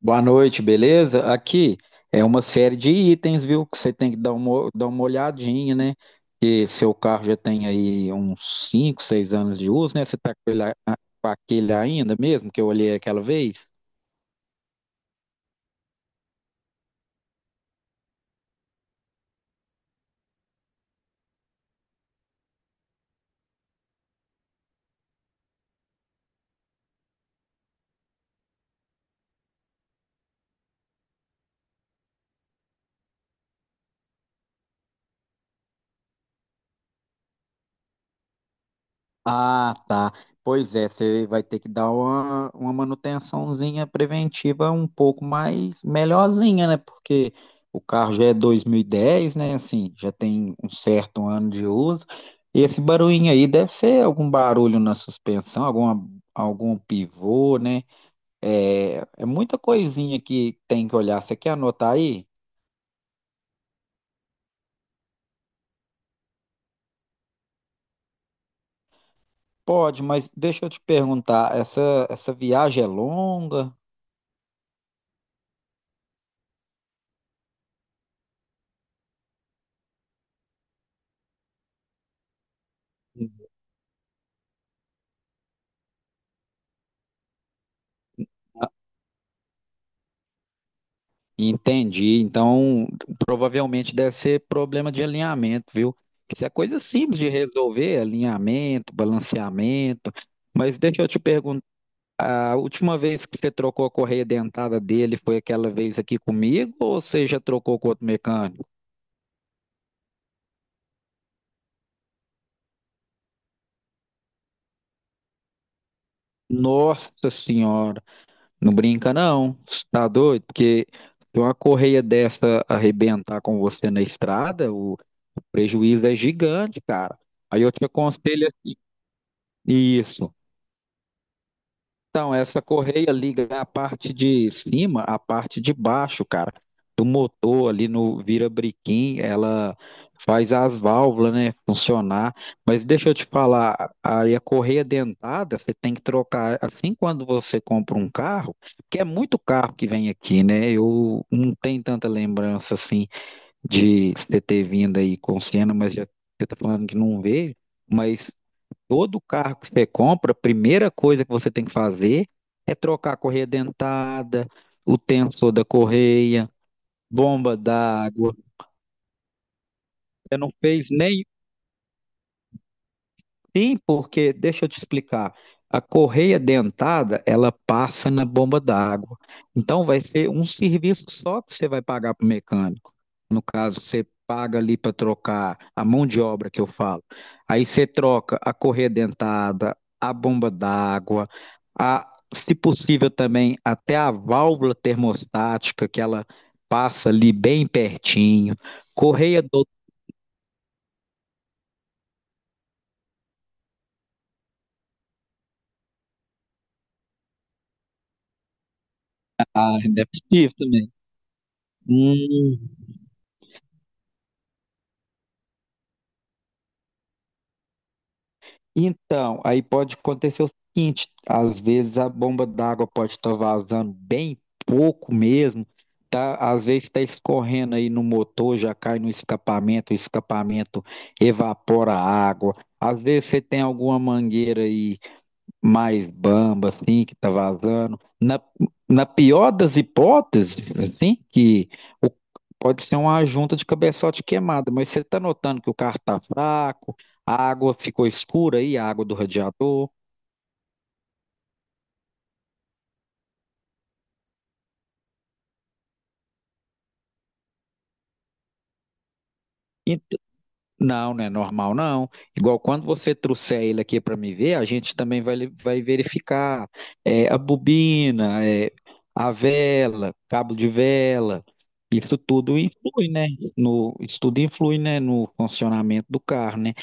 Boa noite, beleza? Aqui é uma série de itens, viu? Que você tem que dar uma olhadinha, né? Que seu carro já tem aí uns 5, 6 anos de uso, né? Você tá com ele, com aquele ainda mesmo que eu olhei aquela vez? Ah, tá. Pois é, você vai ter que dar uma manutençãozinha preventiva um pouco mais melhorzinha, né? Porque o carro já é 2010, né? Assim, já tem um certo ano de uso. E esse barulhinho aí deve ser algum barulho na suspensão, algum pivô, né? É muita coisinha que tem que olhar. Você quer anotar aí? Pode, mas deixa eu te perguntar, essa viagem é longa? Entendi. Então, provavelmente deve ser problema de alinhamento, viu? Isso é coisa simples de resolver, alinhamento, balanceamento. Mas deixa eu te perguntar, a última vez que você trocou a correia dentada dele foi aquela vez aqui comigo ou você já trocou com outro mecânico? Nossa senhora, não brinca não, cê tá doido? Porque se uma correia dessa arrebentar com você na estrada, o prejuízo é gigante, cara. Aí eu te aconselho assim, isso. Então, essa correia liga a parte de cima, a parte de baixo, cara, do motor ali no virabrequim, ela faz as válvulas, né, funcionar. Mas deixa eu te falar, aí a correia dentada, você tem que trocar, assim quando você compra um carro, que é muito carro que vem aqui, né? Eu não tenho tanta lembrança assim de você ter vindo aí com Siena, mas já você tá falando que não veio. Mas todo carro que você compra, a primeira coisa que você tem que fazer é trocar a correia dentada, o tensor da correia, bomba d'água. Não fez nem. Sim, porque, deixa eu te explicar, a correia dentada, ela passa na bomba d'água. Então, vai ser um serviço só que você vai pagar para o mecânico. No caso, você paga ali para trocar a mão de obra que eu falo. Aí você troca a correia dentada, a bomba d'água, se possível também até a válvula termostática que ela passa ali bem pertinho, correia dotada, é possível também. Hum. Então, aí pode acontecer o seguinte: às vezes a bomba d'água pode estar vazando bem pouco mesmo, tá? Às vezes está escorrendo aí no motor, já cai no escapamento, o escapamento evapora a água. Às vezes você tem alguma mangueira aí mais bamba, assim, que tá vazando. Na pior das hipóteses, assim, o- pode ser uma junta de cabeçote queimada, mas você tá notando que o carro tá fraco, a água ficou escura aí, a água do radiador. Não, não é normal, não. Igual quando você trouxer ele aqui para me ver, a gente também vai verificar a bobina, a vela, cabo de vela. Isso tudo influi, né? No, isso tudo influi, né, no funcionamento do carro, né?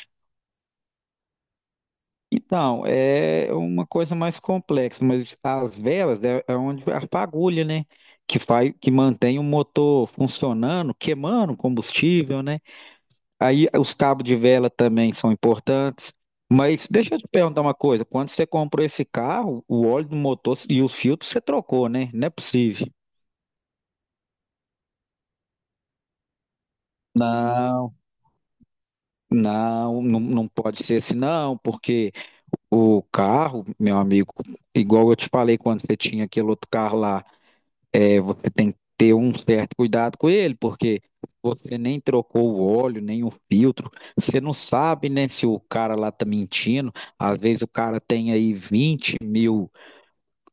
Então, é uma coisa mais complexa, mas as velas é onde a fagulha, né? Que faz, que mantém o motor funcionando, queimando combustível, né? Aí os cabos de vela também são importantes. Mas deixa eu te perguntar uma coisa: quando você comprou esse carro, o óleo do motor e os filtros você trocou, né? Não é possível. Não, não, não, não pode ser assim, não, porque o carro, meu amigo, igual eu te falei quando você tinha aquele outro carro lá. Você tem que ter um certo cuidado com ele, porque você nem trocou o óleo, nem o filtro, você não sabe, né, se o cara lá tá mentindo. Às vezes o cara tem aí vinte mil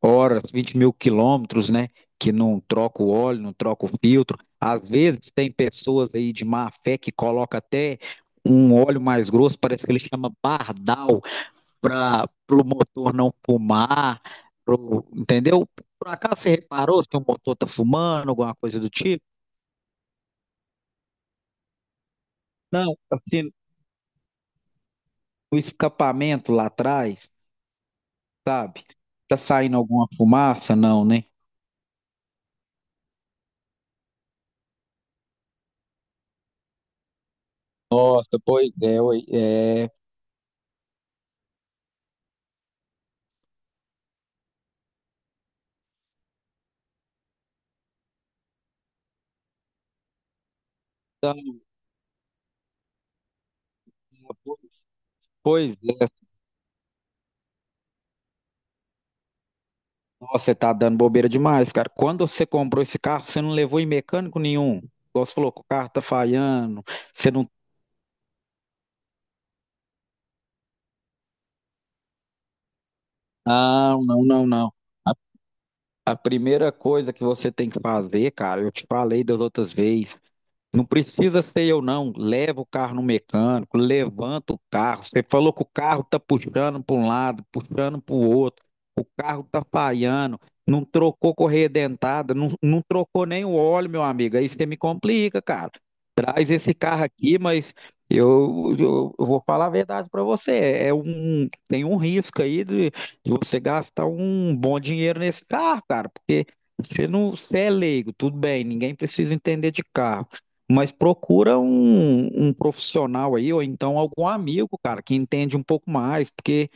horas, 20 mil quilômetros, né, que não troca o óleo, não troca o filtro. Às vezes tem pessoas aí de má fé que coloca até um óleo mais grosso, parece que ele chama bardal, para o motor não fumar, entendeu? Por acaso você reparou se o motor tá fumando, alguma coisa do tipo? Não, assim, o escapamento lá atrás, sabe? Tá saindo alguma fumaça? Não, né? Nossa, pois é, oi, é. Então, pois é. Nossa, você tá dando bobeira demais, cara. Quando você comprou esse carro, você não levou em mecânico nenhum. Igual você falou que o carro tá falhando. Você não. Não, não, não, não. A primeira coisa que você tem que fazer, cara, eu te falei das outras vezes, não precisa ser eu, não. Leva o carro no mecânico, levanta o carro. Você falou que o carro tá puxando para um lado, puxando para o outro. O carro tá falhando. Não trocou correia dentada, não, não trocou nem o óleo, meu amigo. Aí você me complica, cara. Traz esse carro aqui, mas eu vou falar a verdade para você. Tem um risco aí de você gastar um bom dinheiro nesse carro, cara, porque você não, você é leigo, tudo bem, ninguém precisa entender de carro. Mas procura um profissional aí, ou então algum amigo, cara, que entende um pouco mais, porque,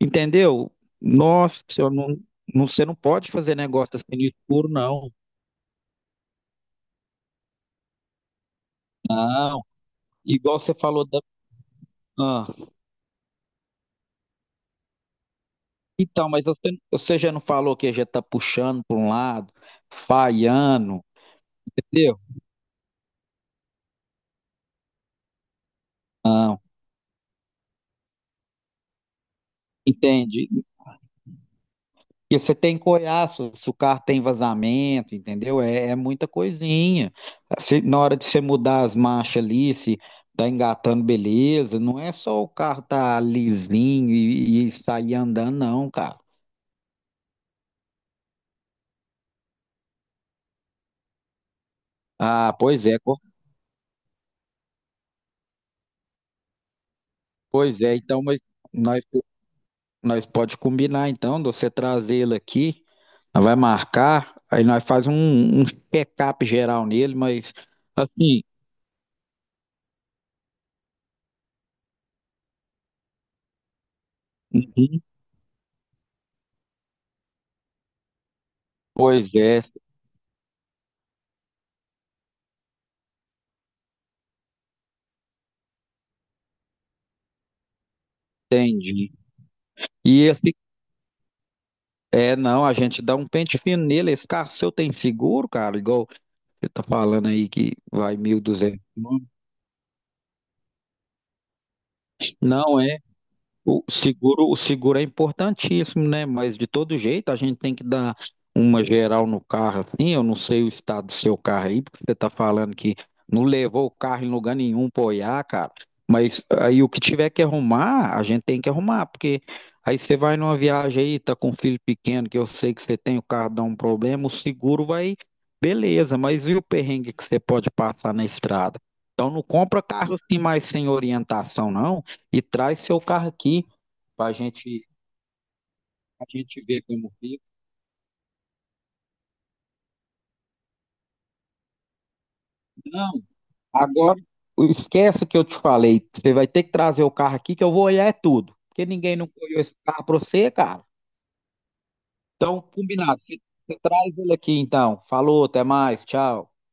entendeu? Nossa, você não pode fazer negócio assim no escuro, não. Não, igual você falou da. Ah, então, mas você já não falou que já tá puxando para um lado, falhando, entendeu? Não, entende? E você tem que olhar se o carro tem vazamento, entendeu? É muita coisinha. Na hora de você mudar as marchas ali, se tá engatando, beleza. Não é só o carro tá lisinho e sair andando, não, cara. Ah, pois é, pois é. Então, mas nós, nós pode combinar, então, de você trazer ele aqui, nós vai marcar, aí nós faz um check-up geral nele, mas assim, uhum, pois é, entendi. E esse É, não, a gente dá um pente fino nele. Esse carro seu tem seguro, cara? Igual você tá falando aí que vai 1.200 quilômetros. Não, é. O seguro é importantíssimo, né? Mas de todo jeito a gente tem que dar uma geral no carro, assim. Eu não sei o estado do seu carro aí, porque você tá falando que não levou o carro em lugar nenhum para olhar, cara. Mas aí o que tiver que arrumar, a gente tem que arrumar, porque aí você vai numa viagem aí, tá com um filho pequeno, que eu sei que você tem, o carro dá um problema, o seguro vai, beleza, mas e o perrengue que você pode passar na estrada? Então não compra carro assim mais sem orientação, não e traz seu carro aqui para gente, a gente ver como fica. Não, agora esquece que eu te falei. Você vai ter que trazer o carro aqui que eu vou olhar é tudo. Porque ninguém não olhou esse carro para você, cara. Então, combinado. Você traz ele aqui então. Falou, até mais, tchau.